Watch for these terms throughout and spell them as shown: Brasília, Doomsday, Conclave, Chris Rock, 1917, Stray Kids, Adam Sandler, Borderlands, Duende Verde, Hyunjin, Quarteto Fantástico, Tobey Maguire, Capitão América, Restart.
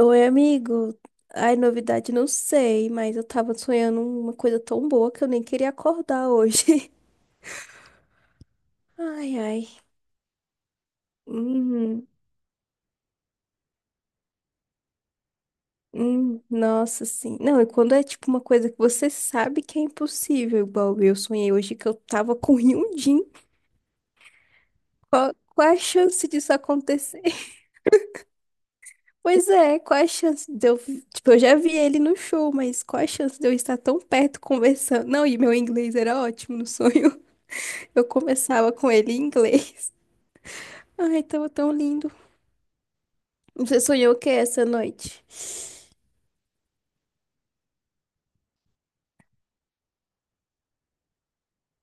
Oi, amigo. Ai, novidade, não sei, mas eu tava sonhando uma coisa tão boa que eu nem queria acordar hoje. Ai, ai. Uhum. Nossa, sim. Não, e quando é tipo uma coisa que você sabe que é impossível, igual eu sonhei hoje que eu tava com Hyunjin. Qual a chance disso acontecer? Pois é, qual a chance de eu. Tipo, eu já vi ele no show, mas qual a chance de eu estar tão perto conversando? Não, e meu inglês era ótimo no sonho. Eu conversava com ele em inglês. Ai, tava tão lindo. Você sonhou o que essa noite?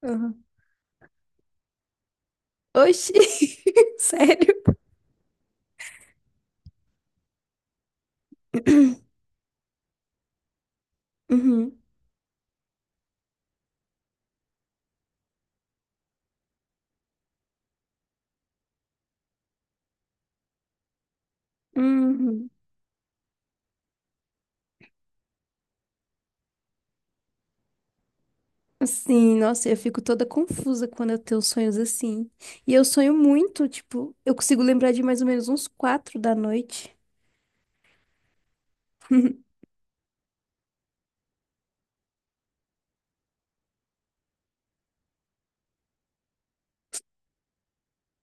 Uhum. Oxi, sério? Uhum. Uhum. Sim, nossa, eu fico toda confusa quando eu tenho sonhos assim. E eu sonho muito, tipo, eu consigo lembrar de mais ou menos uns quatro da noite.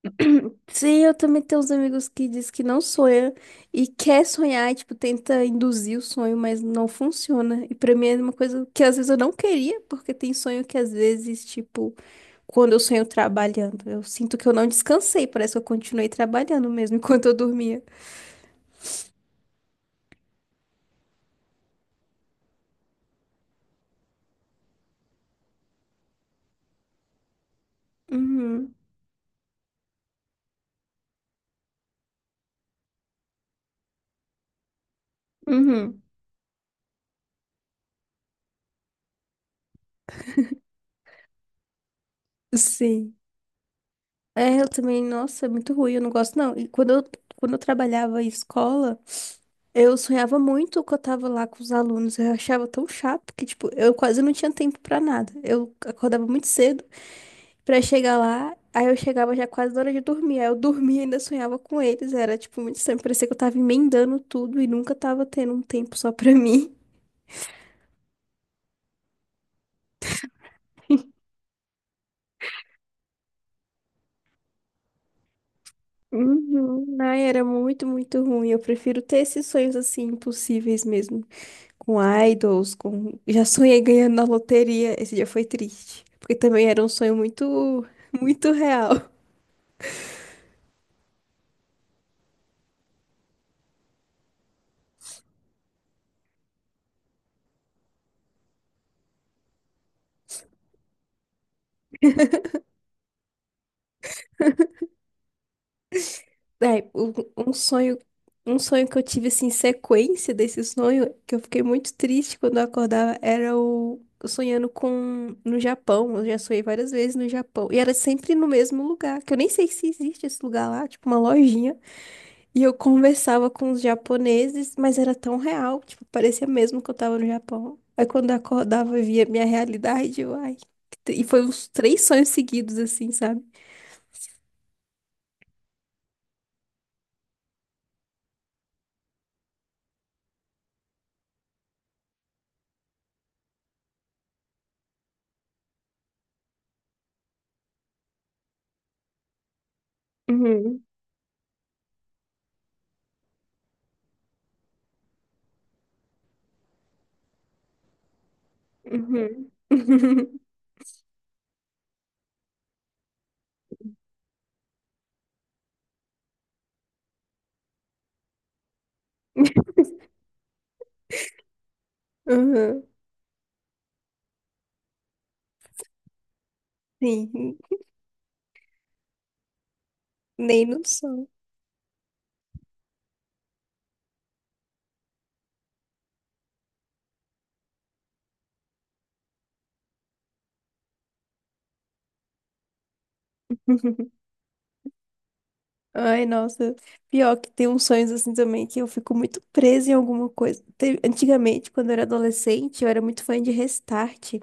Sim, eu também tenho uns amigos que diz que não sonha e quer sonhar, e, tipo, tenta induzir o sonho, mas não funciona. E pra mim é uma coisa que às vezes eu não queria, porque tem sonho que às vezes, tipo, quando eu sonho trabalhando. Eu sinto que eu não descansei, parece que eu continuei trabalhando mesmo enquanto eu dormia. Uhum, uhum. Sim. É, eu também, nossa, é muito ruim, eu não gosto não. E quando eu trabalhava em escola, eu sonhava muito que eu tava lá com os alunos. Eu achava tão chato que, tipo, eu quase não tinha tempo pra nada. Eu acordava muito cedo pra chegar lá, aí eu chegava já quase na hora de dormir. Aí eu dormia e ainda sonhava com eles. Era, tipo, muito estranho. Parecia que eu tava emendando tudo e nunca tava tendo um tempo só pra mim. Uhum. Ai, era muito, muito ruim. Eu prefiro ter esses sonhos assim impossíveis mesmo. Com idols, com. Já sonhei ganhando na loteria. Esse dia foi triste. Porque também era um sonho muito, muito real. É, um sonho, um sonho que eu tive assim, sequência desse sonho, que eu fiquei muito triste quando eu acordava, era o eu sonhando com no Japão. Eu já sonhei várias vezes no Japão. E era sempre no mesmo lugar, que eu nem sei se existe esse lugar lá, tipo uma lojinha. E eu conversava com os japoneses, mas era tão real, tipo, parecia mesmo que eu tava no Japão. Aí quando eu acordava, eu via a minha realidade, eu, ai. Que e foi uns três sonhos seguidos, assim, sabe? Uhum, uhum. Uhum. Sim, nem no sonho. Ai, nossa. Pior que tem uns sonhos assim também que eu fico muito presa em alguma coisa. Antigamente, quando eu era adolescente, eu era muito fã de Restart.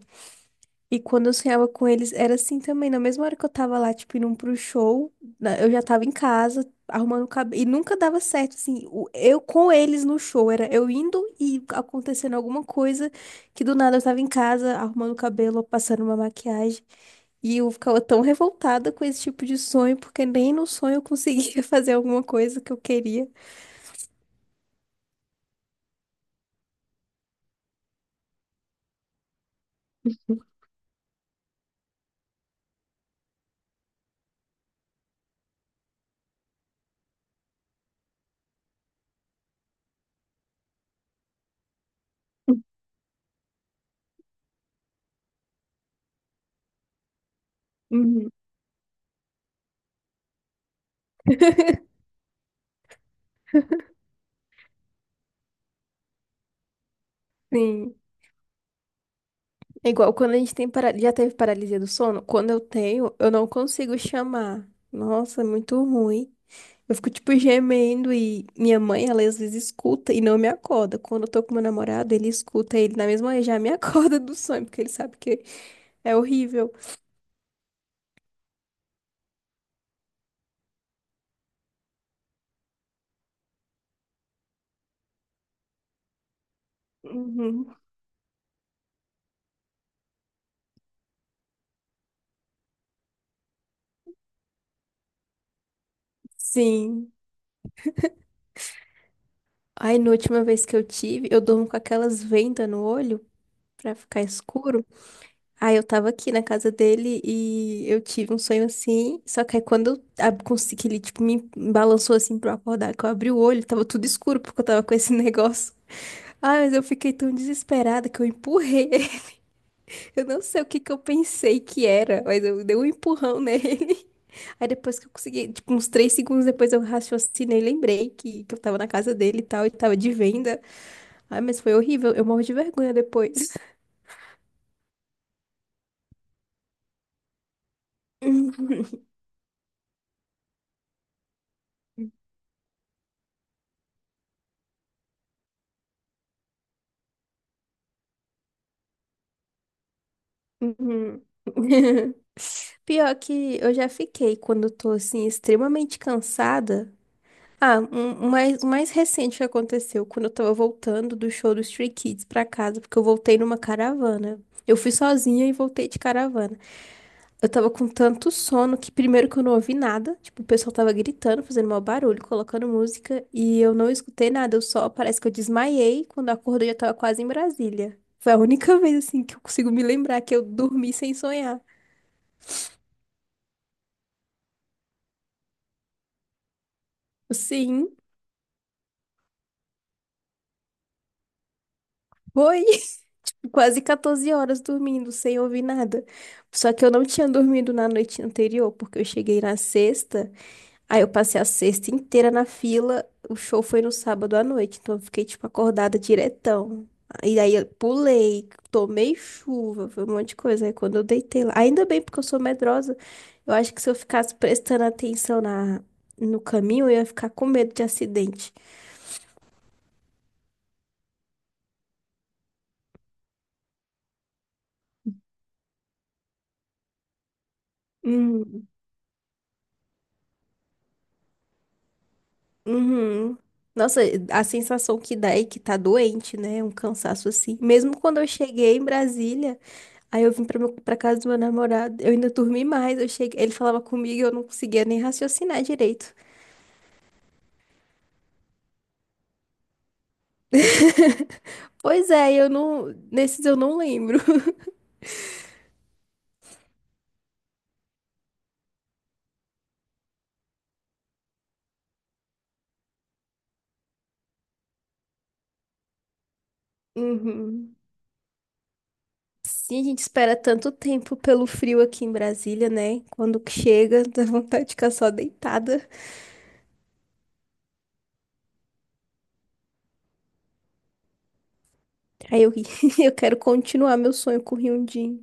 E quando eu sonhava com eles, era assim também. Na mesma hora que eu tava lá, tipo, indo pro show, eu já tava em casa, arrumando o cabelo. E nunca dava certo, assim, eu com eles no show. Era eu indo e acontecendo alguma coisa que do nada eu tava em casa, arrumando o cabelo, passando uma maquiagem. E eu ficava tão revoltada com esse tipo de sonho, porque nem no sonho eu conseguia fazer alguma coisa que eu queria. Uhum. Sim. É igual quando a gente tem já teve paralisia do sono. Quando eu tenho, eu não consigo chamar. Nossa, é muito ruim. Eu fico tipo gemendo e minha mãe, ela às vezes escuta e não me acorda. Quando eu tô com meu namorado, ele escuta, ele na mesma hora já me acorda do sonho, porque ele sabe que é horrível. Uhum. Sim. Aí, na última vez que eu tive, eu durmo com aquelas vendas no olho pra ficar escuro. Aí eu tava aqui na casa dele e eu tive um sonho assim. Só que aí quando eu consegui, que ele tipo, me balançou assim pra eu acordar, que eu abri o olho, tava tudo escuro porque eu tava com esse negócio. Ah, mas eu fiquei tão desesperada que eu empurrei. Eu não sei o que que eu pensei que era, mas eu dei um empurrão nele. Aí depois que eu consegui, tipo, uns três segundos depois eu raciocinei, lembrei que eu tava na casa dele e tal, e tava de venda. Ai, mas foi horrível, eu morro de vergonha depois. Uhum. Pior que eu já fiquei quando eu tô assim extremamente cansada. O mais recente que aconteceu quando eu tava voltando do show dos Stray Kids pra casa, porque eu voltei numa caravana. Eu fui sozinha e voltei de caravana. Eu tava com tanto sono que primeiro que eu não ouvi nada, tipo, o pessoal tava gritando, fazendo mau barulho, colocando música, e eu não escutei nada, eu só parece que eu desmaiei, quando eu acordei eu já tava quase em Brasília. Foi a única vez assim que eu consigo me lembrar que eu dormi sem sonhar. Sim, foi. Quase 14 horas dormindo, sem ouvir nada. Só que eu não tinha dormido na noite anterior, porque eu cheguei na sexta, aí eu passei a sexta inteira na fila. O show foi no sábado à noite, então eu fiquei, tipo, acordada diretão. E aí eu pulei, tomei chuva, foi um monte de coisa. Aí quando eu deitei lá, ainda bem, porque eu sou medrosa, eu acho que se eu ficasse prestando atenção no caminho, eu ia ficar com medo de acidente. Hum. Uhum. Nossa, a sensação que dá é que tá doente, né? Um cansaço assim. Mesmo quando eu cheguei em Brasília, aí eu vim pra casa do meu namorado, eu ainda dormi mais. Eu cheguei, ele falava comigo e eu não conseguia nem raciocinar direito. Pois é, eu não. Nesses eu não lembro. Uhum. Sim, a gente espera tanto tempo pelo frio aqui em Brasília, né? Quando que chega, dá vontade de ficar só deitada. Aí eu, eu quero continuar meu sonho com o Hyundai.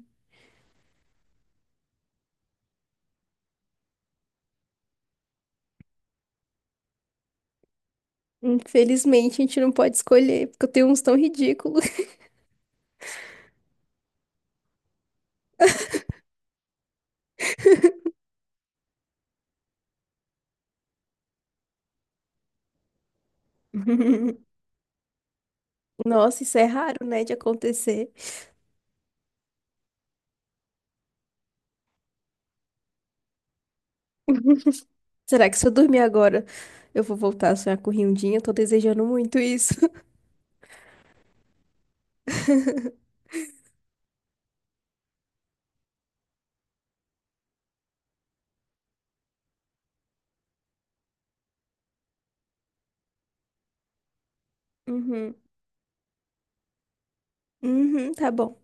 Infelizmente, a gente não pode escolher, porque eu tenho uns tão ridículos. Nossa, isso é raro, né, de acontecer. Será que se eu dormir agora, eu vou voltar a sonhar com o Rindinho? Eu tô desejando muito isso. Uhum. Uhum, tá bom.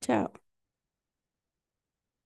Tchau.